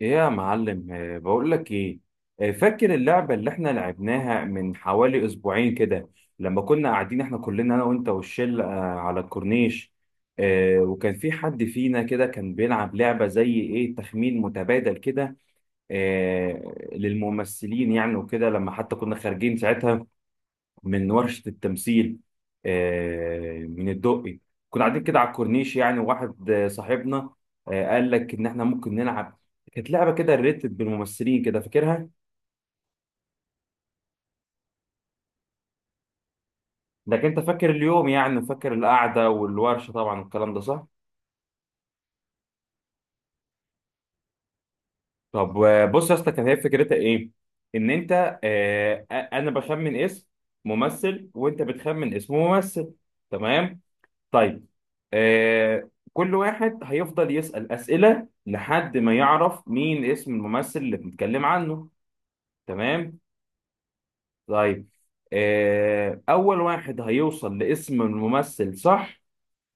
ايه يا معلم، بقول لك ايه. فاكر اللعبة اللي احنا لعبناها من حوالي اسبوعين كده. لما كنا قاعدين احنا كلنا انا وانت والشله، على الكورنيش. وكان في حد فينا كده كان بيلعب لعبة زي ايه، تخمين متبادل كده، للممثلين يعني. وكده لما حتى كنا خارجين ساعتها من ورشة التمثيل، من الدقي، كنا قاعدين كده على الكورنيش يعني. وواحد صاحبنا قال لك إن إحنا ممكن نلعب. كانت لعبة كده ريتد بالممثلين كده، فاكرها؟ لكن أنت فاكر اليوم يعني، فاكر القعدة والورشة، طبعا الكلام ده صح؟ طب، بص يا اسطى، كانت هي فكرتها إيه؟ إن أنت أنا بخمن اسم ممثل، وأنت بتخمن اسم ممثل. تمام؟ طيب، كل واحد هيفضل يسأل أسئلة لحد ما يعرف مين اسم الممثل اللي بنتكلم عنه. تمام؟ طيب، أول واحد هيوصل لاسم الممثل، صح؟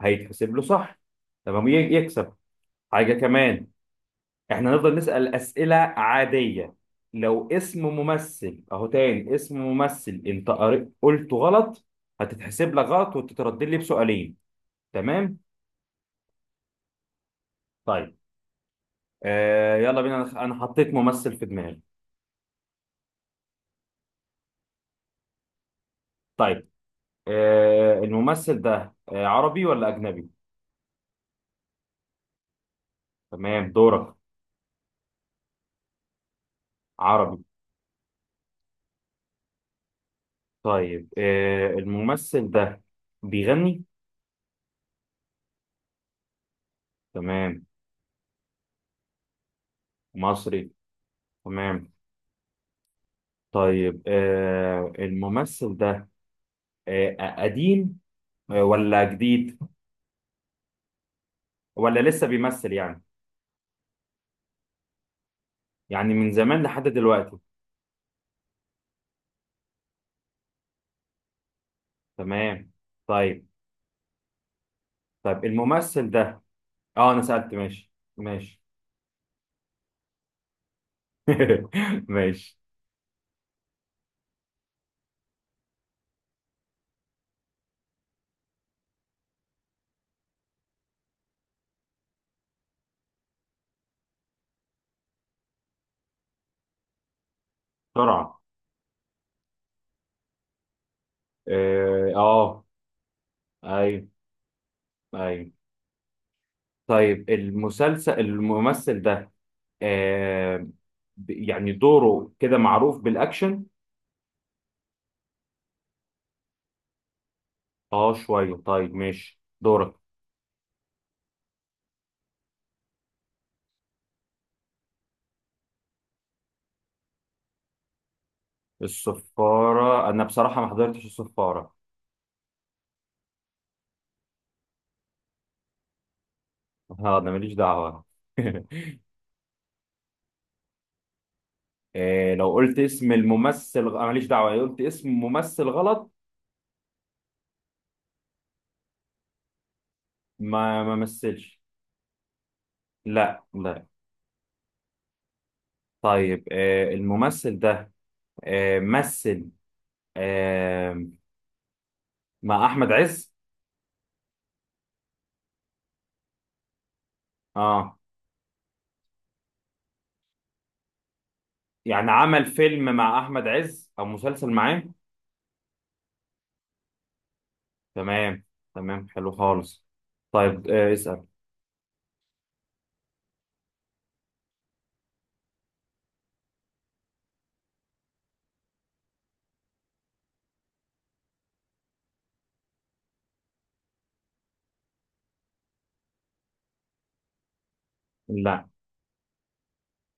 هيتحسب له، صح؟ تمام، يكسب حاجة كمان. احنا هنفضل نسأل أسئلة عادية. لو اسم ممثل أهو، تاني اسم ممثل أنت قلته غلط، هتتحسب لك غلط وتتردد لي بسؤالين. تمام؟ طيب، يلا بينا. أنا حطيت ممثل في دماغي. طيب، الممثل ده عربي ولا اجنبي؟ تمام، دورك. عربي. طيب، الممثل ده بيغني؟ تمام. مصري. تمام. طيب، الممثل ده قديم ولا جديد؟ ولا لسه بيمثل يعني؟ يعني من زمان لحد دلوقتي؟ تمام. طيب. طيب، الممثل ده. اه، انا سألت. ماشي، ماشي. ماشي. بسرعة. اه. ايوه، ايوه. طيب، المسلسل، الممثل ده آه يعني دوره كده معروف بالاكشن؟ اه، شويه. طيب، ماشي، دورك. الصفارة، انا بصراحة ما حضرتش الصفارة. اه، انا ماليش دعوة. لو قلت اسم الممثل أنا ماليش دعوة لو قلت اسم ممثل غلط. ما مثلش. لا، لا. طيب، الممثل ده مثل آه مع احمد عز. اه. يعني عمل فيلم مع احمد عز او مسلسل معاه؟ تمام. تمام، حلو خالص. طيب، اسأل. لا.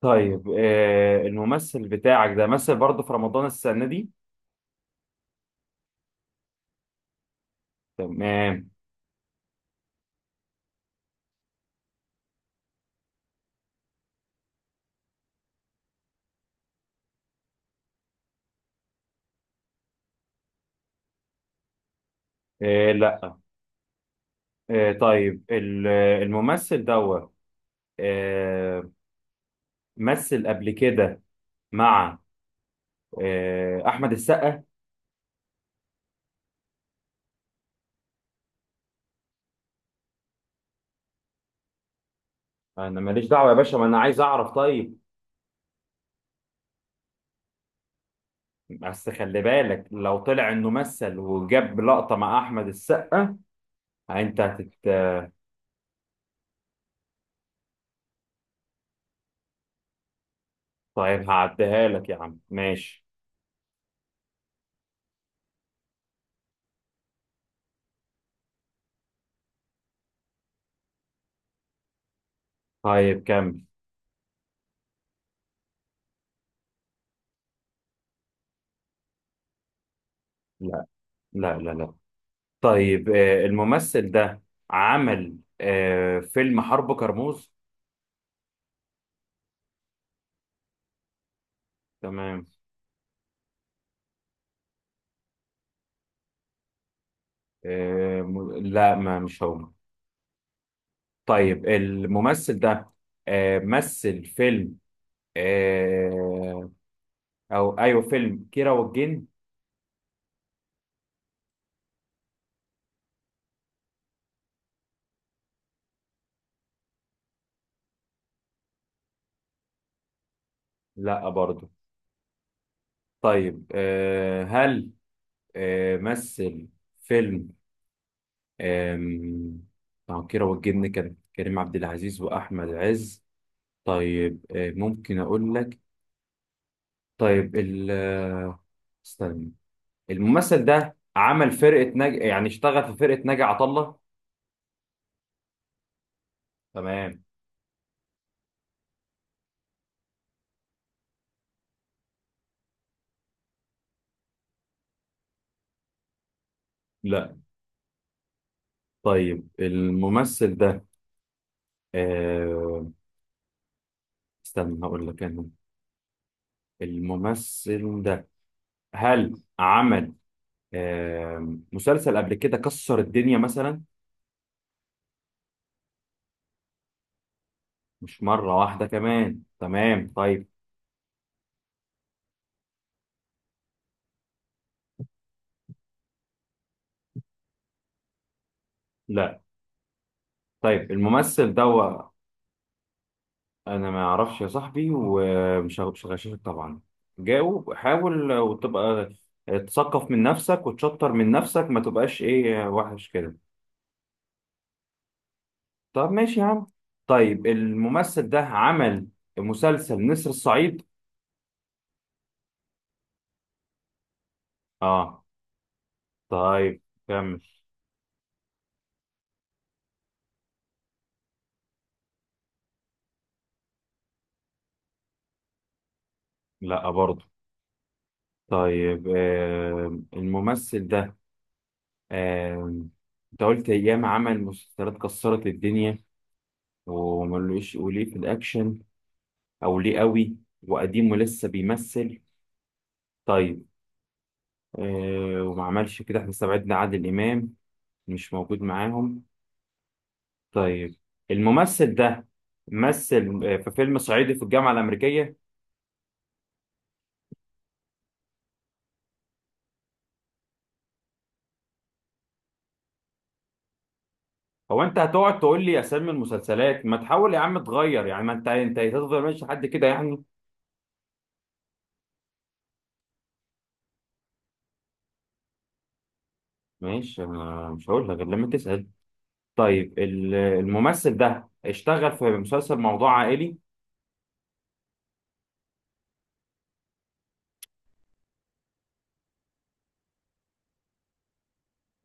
طيب، الممثل بتاعك ده مثل برضه في رمضان السنة دي؟ تمام. لا. طيب، الممثل دوت آه مثل قبل كده مع احمد السقا؟ انا ماليش دعوة يا باشا، ما انا عايز اعرف. طيب. بس خلي بالك لو طلع انه مثل وجاب لقطة مع احمد السقا، يعني انت طيب، هعديها لك يا عم. ماشي. طيب، كمل. لا، لا، لا، لا. طيب، الممثل ده عمل فيلم حرب كرموز؟ تمام. لا، ما مش هو. طيب، الممثل ده مثل فيلم، آه، او ايوه، فيلم كيرة والجن؟ لا برضه. طيب، هل مثل فيلم، آم، العكيرة والجن كان كريم عبد العزيز وأحمد عز. طيب، ممكن أقول لك. طيب، ال آه، استنى. الممثل ده عمل فرقة يعني اشتغل في فرقة ناجي عطا الله؟ تمام. لا. طيب، الممثل ده آه، استنى، هقول لك أنا. الممثل ده هل عمل مسلسل قبل كده كسر الدنيا مثلا؟ مش مرة واحدة كمان؟ تمام، طيب. لا. طيب، الممثل ده انا ما اعرفش يا صاحبي، ومش هغ- مش هغششك طبعا. جاوب، حاول وتبقى تثقف من نفسك وتشطر من نفسك، ما تبقاش ايه وحش كده. طب، ماشي يا عم. طيب، الممثل ده عمل مسلسل نسر الصعيد؟ اه. طيب، كمل. لا برضه. طيب، الممثل ده آه انت قلت ايام عمل مسلسلات كسرت الدنيا، وملوش وليه في الاكشن، او ليه قوي، وقديم ولسه بيمثل. طيب، وما عملش كده، احنا استبعدنا عادل امام. مش موجود معاهم. طيب، الممثل ده مثل في فيلم صعيدي في الجامعه الامريكيه؟ هو انت هتقعد تقول لي اسامي المسلسلات؟ ما تحاول يا عم تغير يعني؟ ما انت هتفضل ماشي لحد كده يعني. ماشي، انا مش هقول لك غير لما تسال. طيب، الممثل ده اشتغل في مسلسل موضوع عائلي؟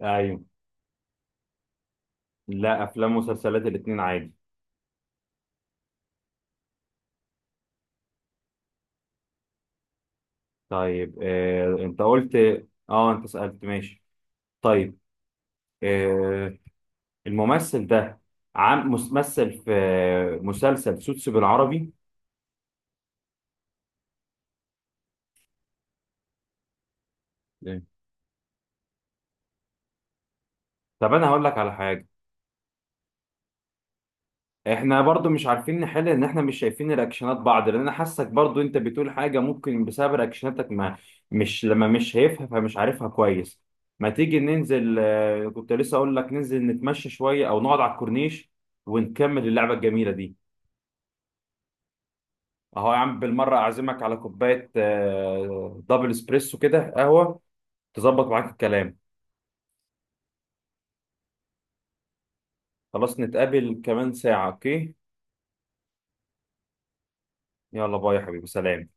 ايوه. لا، افلام ومسلسلات الاتنين عادي. طيب، انت قلت. اه، انت سألت. ماشي. طيب، آه، الممثل ده ممثل في مسلسل سوتس بالعربي؟ إيه. طب، انا هقول لك على حاجه. احنا برضو مش عارفين نحل، ان احنا مش شايفين رياكشنات بعض، لان انا حاسك برضو انت بتقول حاجه ممكن بسبب رياكشناتك، ما مش لما مش شايفها فمش عارفها كويس. ما تيجي ننزل، كنت لسه اقول لك ننزل نتمشى شويه او نقعد على الكورنيش، ونكمل اللعبه الجميله دي. اهو يا عم، بالمره اعزمك على كوبايه دبل اسبريسو كده، قهوه. تظبط معاك الكلام؟ خلاص، نتقابل كمان ساعه، اوكي. يلا باي يا حبيبي، سلام.